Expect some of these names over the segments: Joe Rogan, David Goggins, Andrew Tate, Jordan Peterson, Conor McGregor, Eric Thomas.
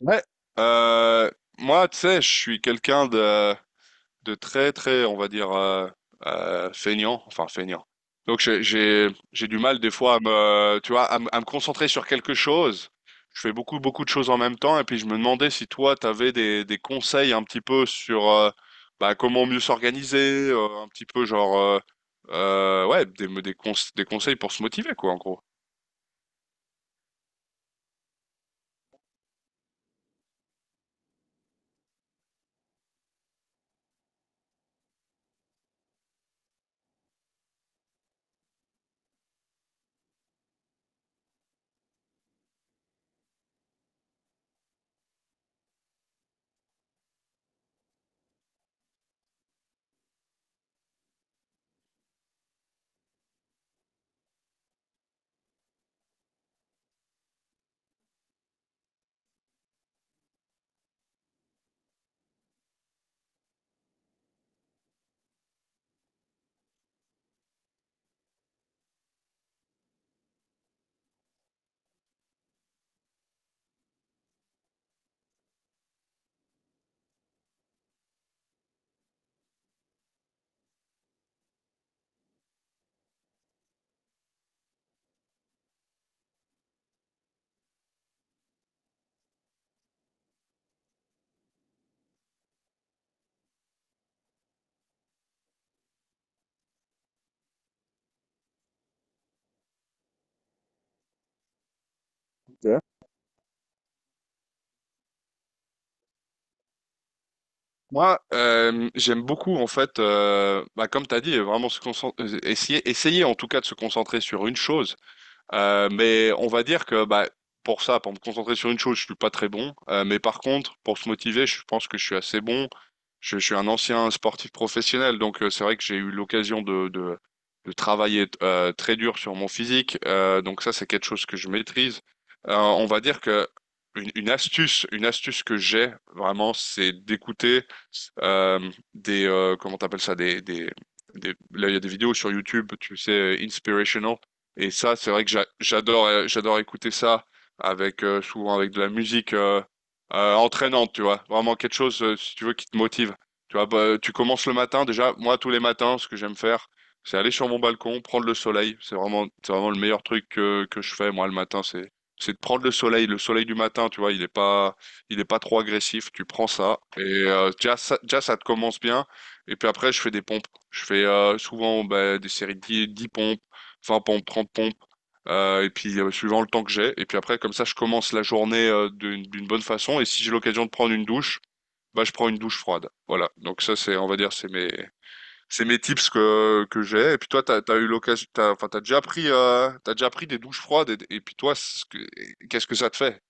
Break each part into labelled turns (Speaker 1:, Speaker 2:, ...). Speaker 1: Ouais. Euh, Moi, tu sais, je suis quelqu'un de très, très, on va dire, feignant, enfin feignant. Donc, j'ai du mal des fois à me, tu vois, à me concentrer sur quelque chose. Je fais beaucoup, beaucoup de choses en même temps. Et puis, je me demandais si toi, tu avais des conseils un petit peu sur bah, comment mieux s'organiser, un petit peu genre, ouais, des conseils pour se motiver, quoi, en gros. Moi, j'aime beaucoup en fait, bah, comme tu as dit, vraiment se concentrer, essayer en tout cas de se concentrer sur une chose. Mais on va dire que bah, pour ça, pour me concentrer sur une chose, je suis pas très bon. Mais par contre, pour se motiver, je pense que je suis assez bon. Je suis un ancien sportif professionnel, donc c'est vrai que j'ai eu l'occasion de travailler très dur sur mon physique. Donc ça, c'est quelque chose que je maîtrise. On va dire que une astuce que j'ai vraiment, c'est d'écouter euh, des comment t'appelles ça des là il y a des vidéos sur YouTube, tu sais, inspirational. Et ça, c'est vrai que j'adore, j'adore écouter ça avec souvent avec de la musique entraînante, tu vois. Vraiment quelque chose, si tu veux, qui te motive. Tu vois, bah, tu commences le matin. Déjà, moi, tous les matins, ce que j'aime faire, c'est aller sur mon balcon, prendre le soleil. C'est vraiment le meilleur truc que je fais, moi, le matin. C'est de prendre le soleil. Le soleil du matin, tu vois, il est pas trop agressif. Tu prends ça et déjà, ça te commence bien. Et puis après, je fais des pompes. Je fais souvent bah, des séries de 10 pompes. 20 pompes, 30 pompes, et puis suivant le temps que j'ai. Et puis après, comme ça, je commence la journée d'une bonne façon. Et si j'ai l'occasion de prendre une douche, bah, je prends une douche froide. Voilà. Donc ça, c'est, on va dire, c'est mes tips que j'ai. Et puis toi, t'as eu l'occasion, t'as, enfin, t'as déjà pris des douches froides. Et puis toi, qu'est-ce que ça te fait?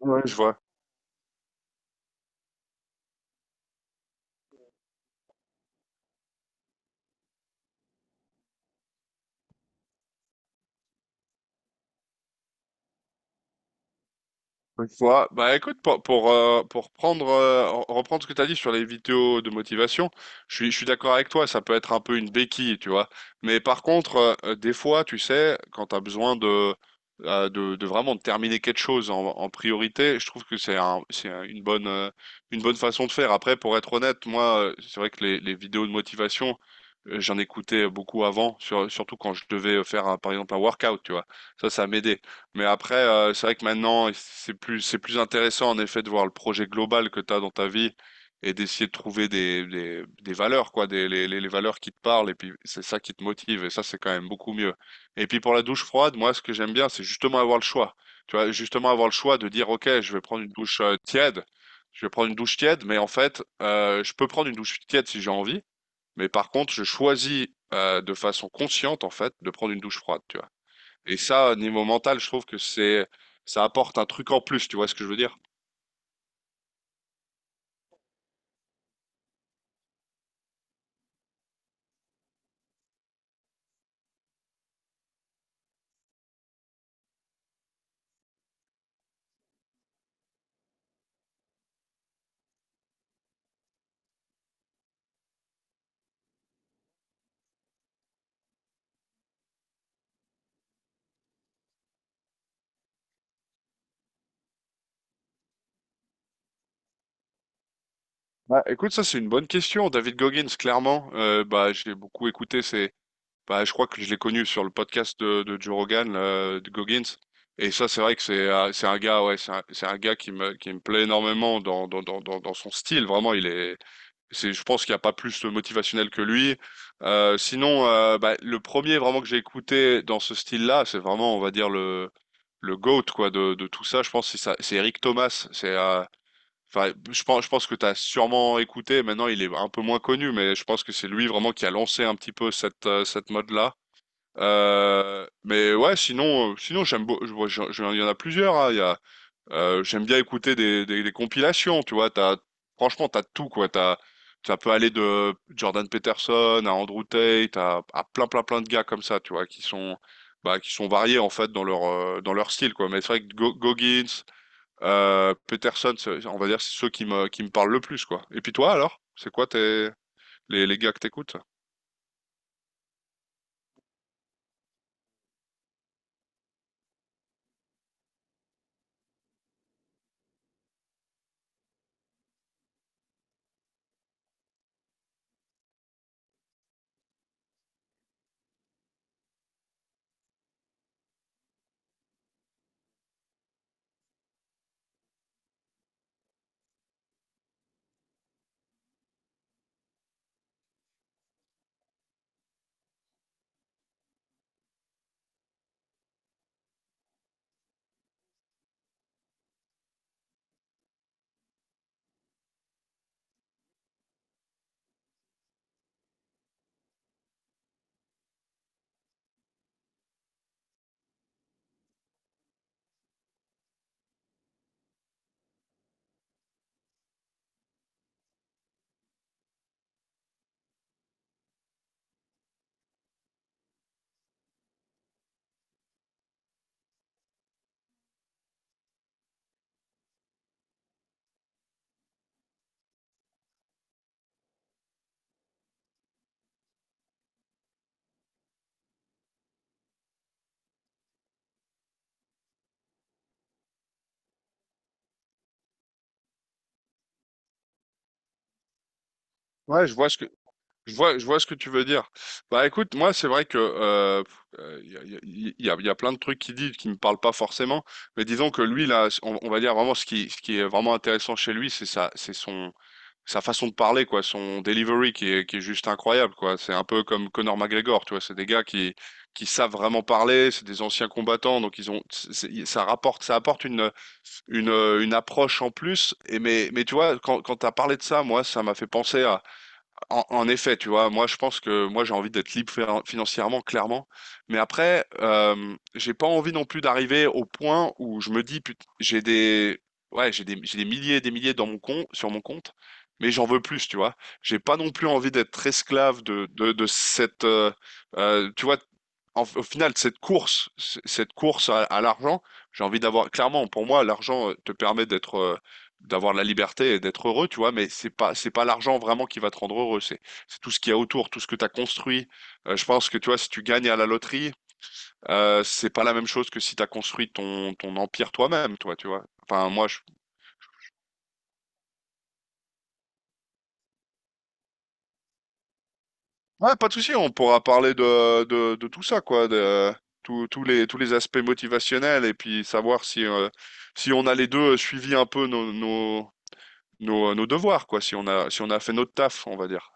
Speaker 1: Ouais. Je vois. Je vois. Bah écoute, reprendre ce que tu as dit sur les vidéos de motivation, je suis d'accord avec toi, ça peut être un peu une béquille, tu vois. Mais par contre, des fois, tu sais, quand tu as besoin de vraiment de terminer quelque chose en, en priorité, je trouve que une bonne façon de faire. Après, pour être honnête, moi, c'est vrai que les vidéos de motivation, j'en écoutais beaucoup avant, surtout quand je devais faire, par exemple, un workout, tu vois. Ça m'aidait. Mais après, c'est vrai que maintenant, c'est plus intéressant en effet de voir le projet global que tu as dans ta vie et d'essayer de trouver des valeurs, quoi, des, les valeurs qui te parlent et puis c'est ça qui te motive et ça, c'est quand même beaucoup mieux. Et puis pour la douche froide, moi, ce que j'aime bien, c'est justement avoir le choix. Tu vois, justement avoir le choix de dire, OK, je vais prendre une douche tiède, je vais prendre une douche tiède, mais en fait, je peux prendre une douche tiède si j'ai envie, mais par contre, je choisis de façon consciente, en fait, de prendre une douche froide, tu vois. Et ça, niveau mental, je trouve que c'est, ça apporte un truc en plus, tu vois ce que je veux dire? Bah, écoute, ça c'est une bonne question. David Goggins, clairement, bah, j'ai beaucoup écouté ses... Bah, je crois que je l'ai connu sur le podcast de Joe Rogan, de Goggins. Et ça, c'est vrai que c'est un gars, ouais, c'est un gars qui me plaît énormément dans son style. Vraiment, il est, c'est, je pense qu'il n'y a pas plus de motivationnel que lui. Sinon, bah, le premier vraiment que j'ai écouté dans ce style-là, c'est vraiment, on va dire, le GOAT, quoi, de tout ça. Je pense que c'est Eric Thomas. C'est, enfin, je pense que tu as sûrement écouté. Maintenant, il est un peu moins connu, mais je pense que c'est lui vraiment qui a lancé un petit peu cette, cette mode-là. Mais ouais, sinon, sinon j'aime beau- je vois- je- il y en a plusieurs, hein. Il y a, j'aime bien écouter des compilations. Tu vois, t'as, franchement, t'as tout quoi. T'as, ça peut aller de Jordan Peterson à Andrew Tate à plein, plein, plein de gars comme ça. Tu vois, qui sont, bah, qui sont variés en fait dans leur style quoi. Mais c'est vrai que Goggins, Peterson, on va dire, c'est ceux qui me parlent le plus quoi. Et puis toi alors, c'est quoi tes les gars que t'écoutes? Ouais, je vois ce que tu veux dire. Bah écoute, moi c'est vrai que il y a, il y a plein de trucs qu'il dit qui me parlent pas forcément, mais disons que lui là, on va dire vraiment ce qui est vraiment intéressant chez lui, c'est ça, c'est son sa façon de parler, quoi, son delivery qui est juste incroyable, quoi. C'est un peu comme Conor McGregor, tu vois. C'est des gars qui savent vraiment parler, c'est des anciens combattants, donc ils ont, ça rapporte, ça apporte une approche en plus. Et mais tu vois, quand t'as parlé de ça, moi, ça m'a fait penser à, en effet, tu vois, moi je pense que moi j'ai envie d'être libre financièrement, clairement. Mais après, j'ai pas envie non plus d'arriver au point où je me dis, j'ai des, ouais, j'ai des milliers et des milliers sur mon compte, mais j'en veux plus, tu vois. J'ai pas non plus envie d'être esclave de cette, tu vois, au final, cette course à l'argent, j'ai envie d'avoir, clairement, pour moi, l'argent te permet d'avoir la liberté et d'être heureux, tu vois, mais c'est pas l'argent vraiment qui va te rendre heureux, c'est tout ce qu'il y a autour, tout ce que tu as construit. Je pense que tu vois, si tu gagnes à la loterie, c'est pas la même chose que si tu as construit ton empire toi-même, toi, tu vois. Enfin, moi je... Ouais, pas de souci, on pourra parler de tout ça quoi, de tous tous les aspects motivationnels et puis savoir si si on a les deux suivi un peu nos devoirs quoi, si on a fait notre taf, on va dire.